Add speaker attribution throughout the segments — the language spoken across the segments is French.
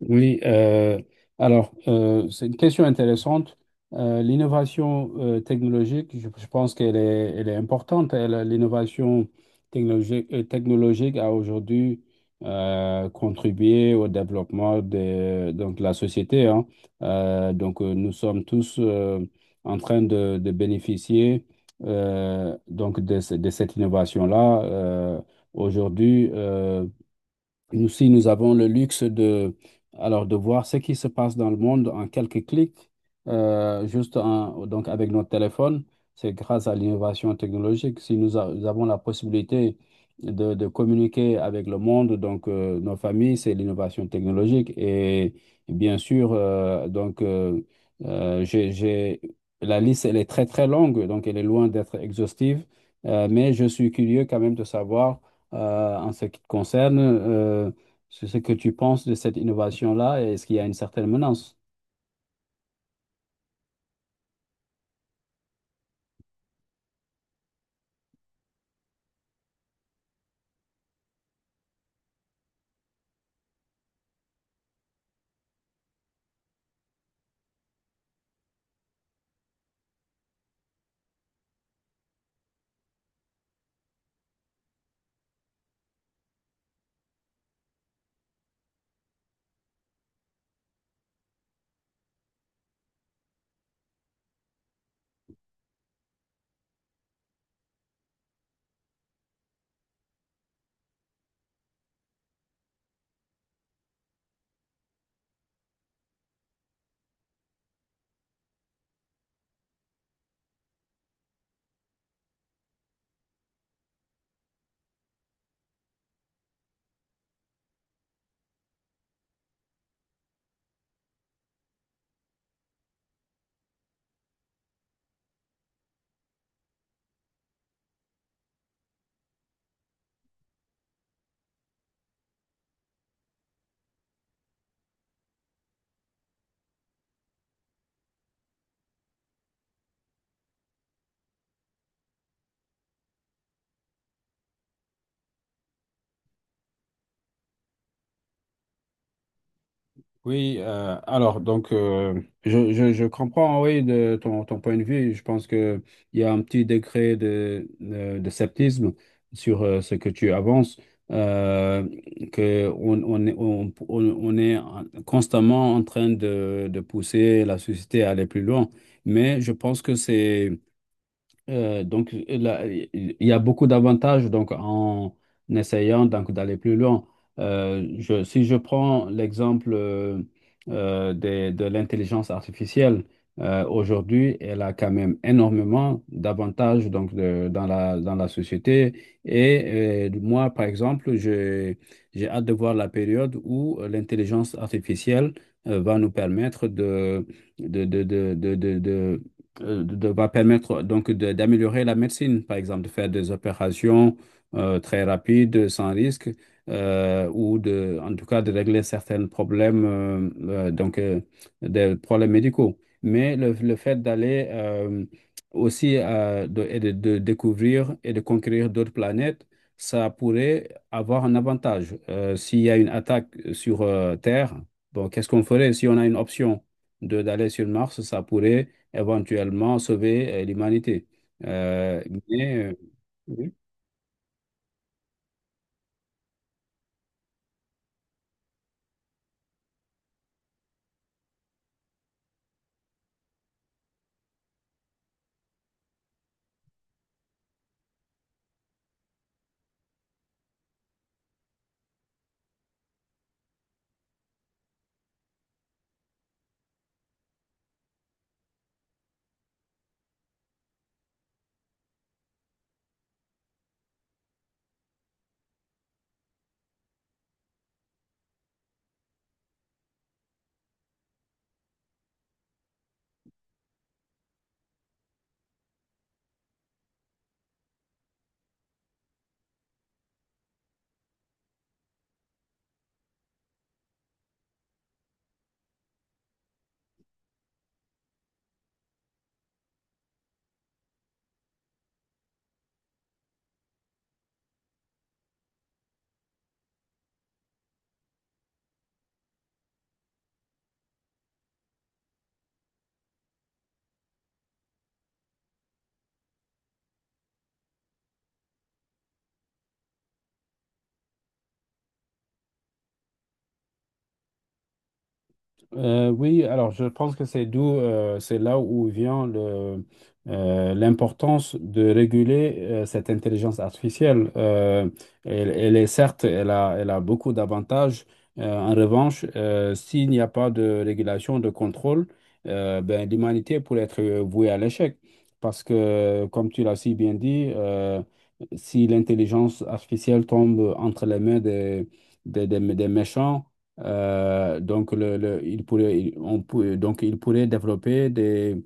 Speaker 1: Oui, alors c'est une question intéressante. L'innovation technologique, je pense qu'elle est, elle est importante. L'innovation technologique a aujourd'hui contribué au développement donc, de la société, hein. Donc, nous sommes tous en train de bénéficier, donc de cette innovation-là. Aujourd'hui, nous aussi, nous avons le luxe de voir ce qui se passe dans le monde en quelques clics, donc avec notre téléphone. C'est grâce à l'innovation technologique. Si nous, a- nous avons la possibilité de communiquer avec le monde, donc, nos familles, c'est l'innovation technologique. Et bien sûr, donc, euh, j'ai, j'ai- la liste, elle est très, très longue, donc elle est loin d'être exhaustive. Mais je suis curieux quand même de savoir, en ce qui te concerne, sur ce que tu penses de cette innovation-là. Est-ce qu'il y a une certaine menace? Oui. Alors donc, je comprends, oui, de ton point de vue. Je pense que il y a un petit degré de sceptisme sur, ce que tu avances, euh, que on est, constamment en train de pousser la société à aller plus loin. Mais je pense que c'est. Donc, là, il y a beaucoup d'avantages donc en essayant donc d'aller plus loin. Si je prends l'exemple, de l'intelligence artificielle. Aujourd'hui, elle a quand même énormément d'avantages, donc dans la société. Et, moi, par exemple, j'ai hâte de voir la période où, l'intelligence artificielle, va nous permettre de, de, de, va permettre donc d'améliorer la médecine, par exemple, de faire des opérations, très rapides, sans risque, ou de, en tout cas, de régler certains problèmes, donc, des problèmes médicaux. Mais le fait d'aller, aussi, et de découvrir et de conquérir d'autres planètes, ça pourrait avoir un avantage. S'il y a une attaque sur, Terre, bon, qu'est-ce qu'on ferait si on a une option de d'aller sur Mars? Ça pourrait éventuellement sauver, l'humanité. Euh, mais, oui. Oui, alors je pense que c'est là où vient l'importance de réguler, cette intelligence artificielle. Elle est, certes, elle a beaucoup d'avantages. En revanche, s'il n'y a pas de régulation, de contrôle, ben, l'humanité pourrait être, vouée à l'échec. Parce que, comme tu l'as si bien dit, si l'intelligence artificielle tombe entre les mains des méchants, donc, le- il pourrait, il- on, peut- donc, il pourrait développer des,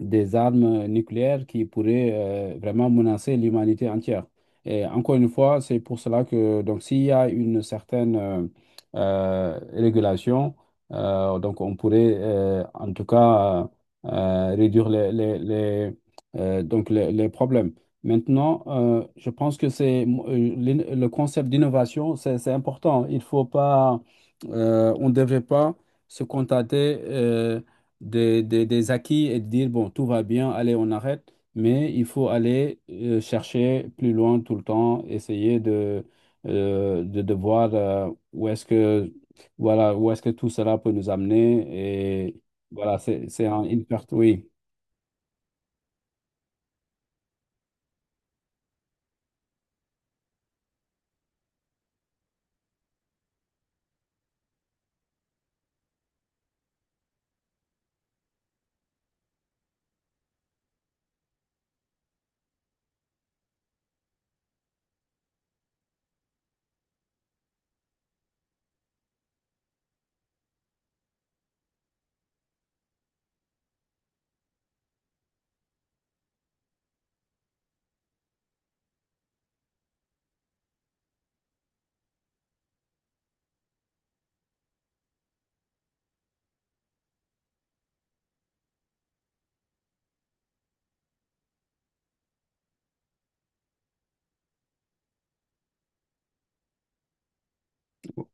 Speaker 1: des armes nucléaires qui pourraient, vraiment menacer l'humanité entière. Et encore une fois, c'est pour cela que donc s'il y a une certaine, régulation, donc on pourrait, en tout cas, réduire les problèmes. Maintenant, je pense que le concept d'innovation, c'est important. Il faut pas, On ne devrait pas se contenter, des acquis et de dire, bon, tout va bien, allez, on arrête, mais il faut aller, chercher plus loin tout le temps, essayer de voir, où est-ce que, voilà, où est-ce que tout cela peut nous amener. Et voilà, c'est une perte, oui.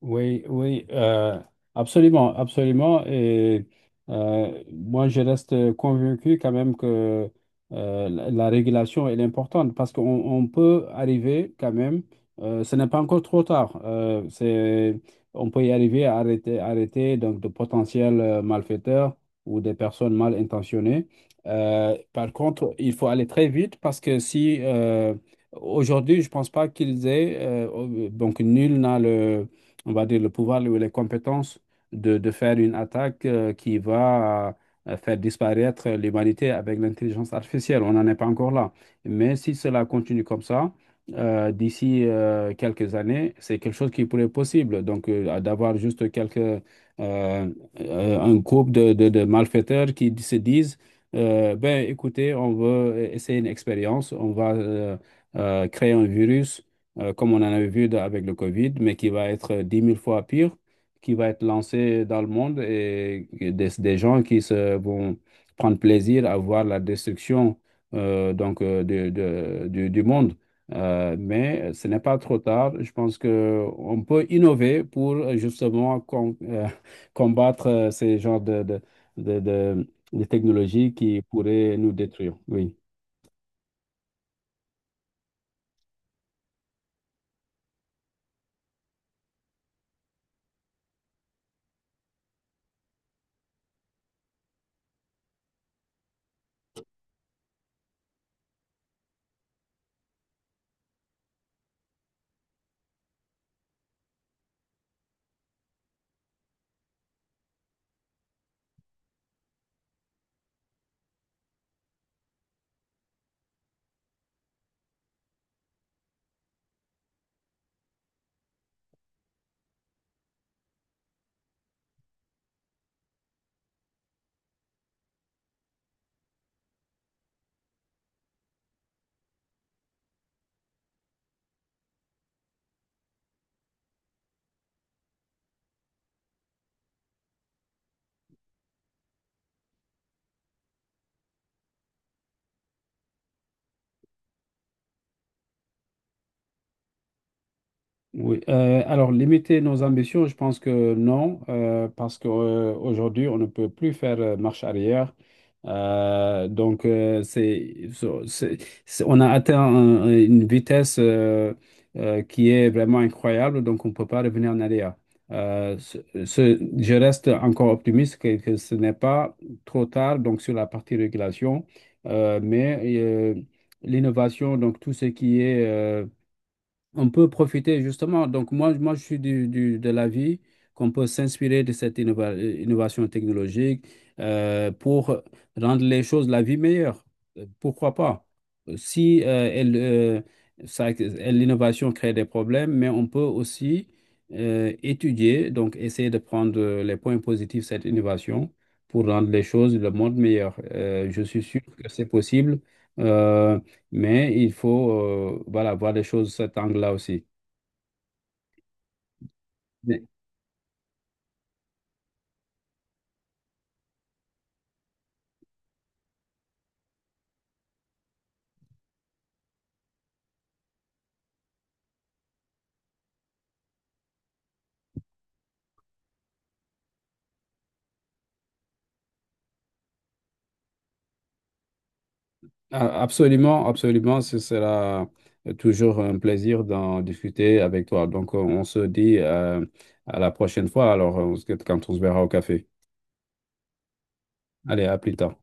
Speaker 1: Oui, oui, absolument, absolument. Et, moi, je reste convaincu quand même que, la régulation, elle est importante parce qu'on on peut arriver quand même. Ce n'est pas encore trop tard, on peut y arriver à arrêter, donc de potentiels, malfaiteurs ou des personnes mal intentionnées. Par contre, il faut aller très vite parce que si, aujourd'hui, je pense pas qu'ils aient, donc nul n'a le on va dire, le pouvoir ou les compétences de faire une attaque, qui va, faire disparaître l'humanité avec l'intelligence artificielle. On n'en est pas encore là. Mais si cela continue comme ça, d'ici, quelques années, c'est quelque chose qui pourrait être possible. Donc, d'avoir juste euh, un groupe de malfaiteurs qui se disent, ben, écoutez, on veut essayer une expérience, on va, créer un virus, comme on en avait vu avec le Covid, mais qui va être 10 000 fois pire, qui va être lancé dans le monde, et des gens qui vont prendre plaisir à voir la destruction, donc, du monde. Mais ce n'est pas trop tard. Je pense qu'on peut innover pour, justement, combattre, ces genres de technologies qui pourraient nous détruire. Oui. Oui. Alors, limiter nos ambitions, je pense que non, parce qu'aujourd'hui, on ne peut plus faire, marche arrière. Donc, c'est, so- c'est- on a atteint une vitesse, qui est vraiment incroyable, donc on ne peut pas revenir en arrière. Euh, ce- je reste encore optimiste que ce n'est pas trop tard, donc sur la partie régulation. Mais, l'innovation, donc tout ce qui est, on peut profiter justement. Donc, moi je suis de l'avis qu'on peut s'inspirer de cette innovation technologique, pour rendre les choses, la vie meilleure. Pourquoi pas? Si, l'innovation crée des problèmes, mais on peut aussi, étudier, donc essayer de prendre, les points positifs de cette innovation pour rendre les choses, le monde meilleur. Je suis sûr que c'est possible. Euh, mais il faut, voilà, voir les choses sous cet angle-là aussi. Mais, absolument, absolument, ce sera, toujours un plaisir d'en discuter avec toi. Donc, on se dit, à la prochaine fois, alors, quand on se verra au café. Allez, à plus tard.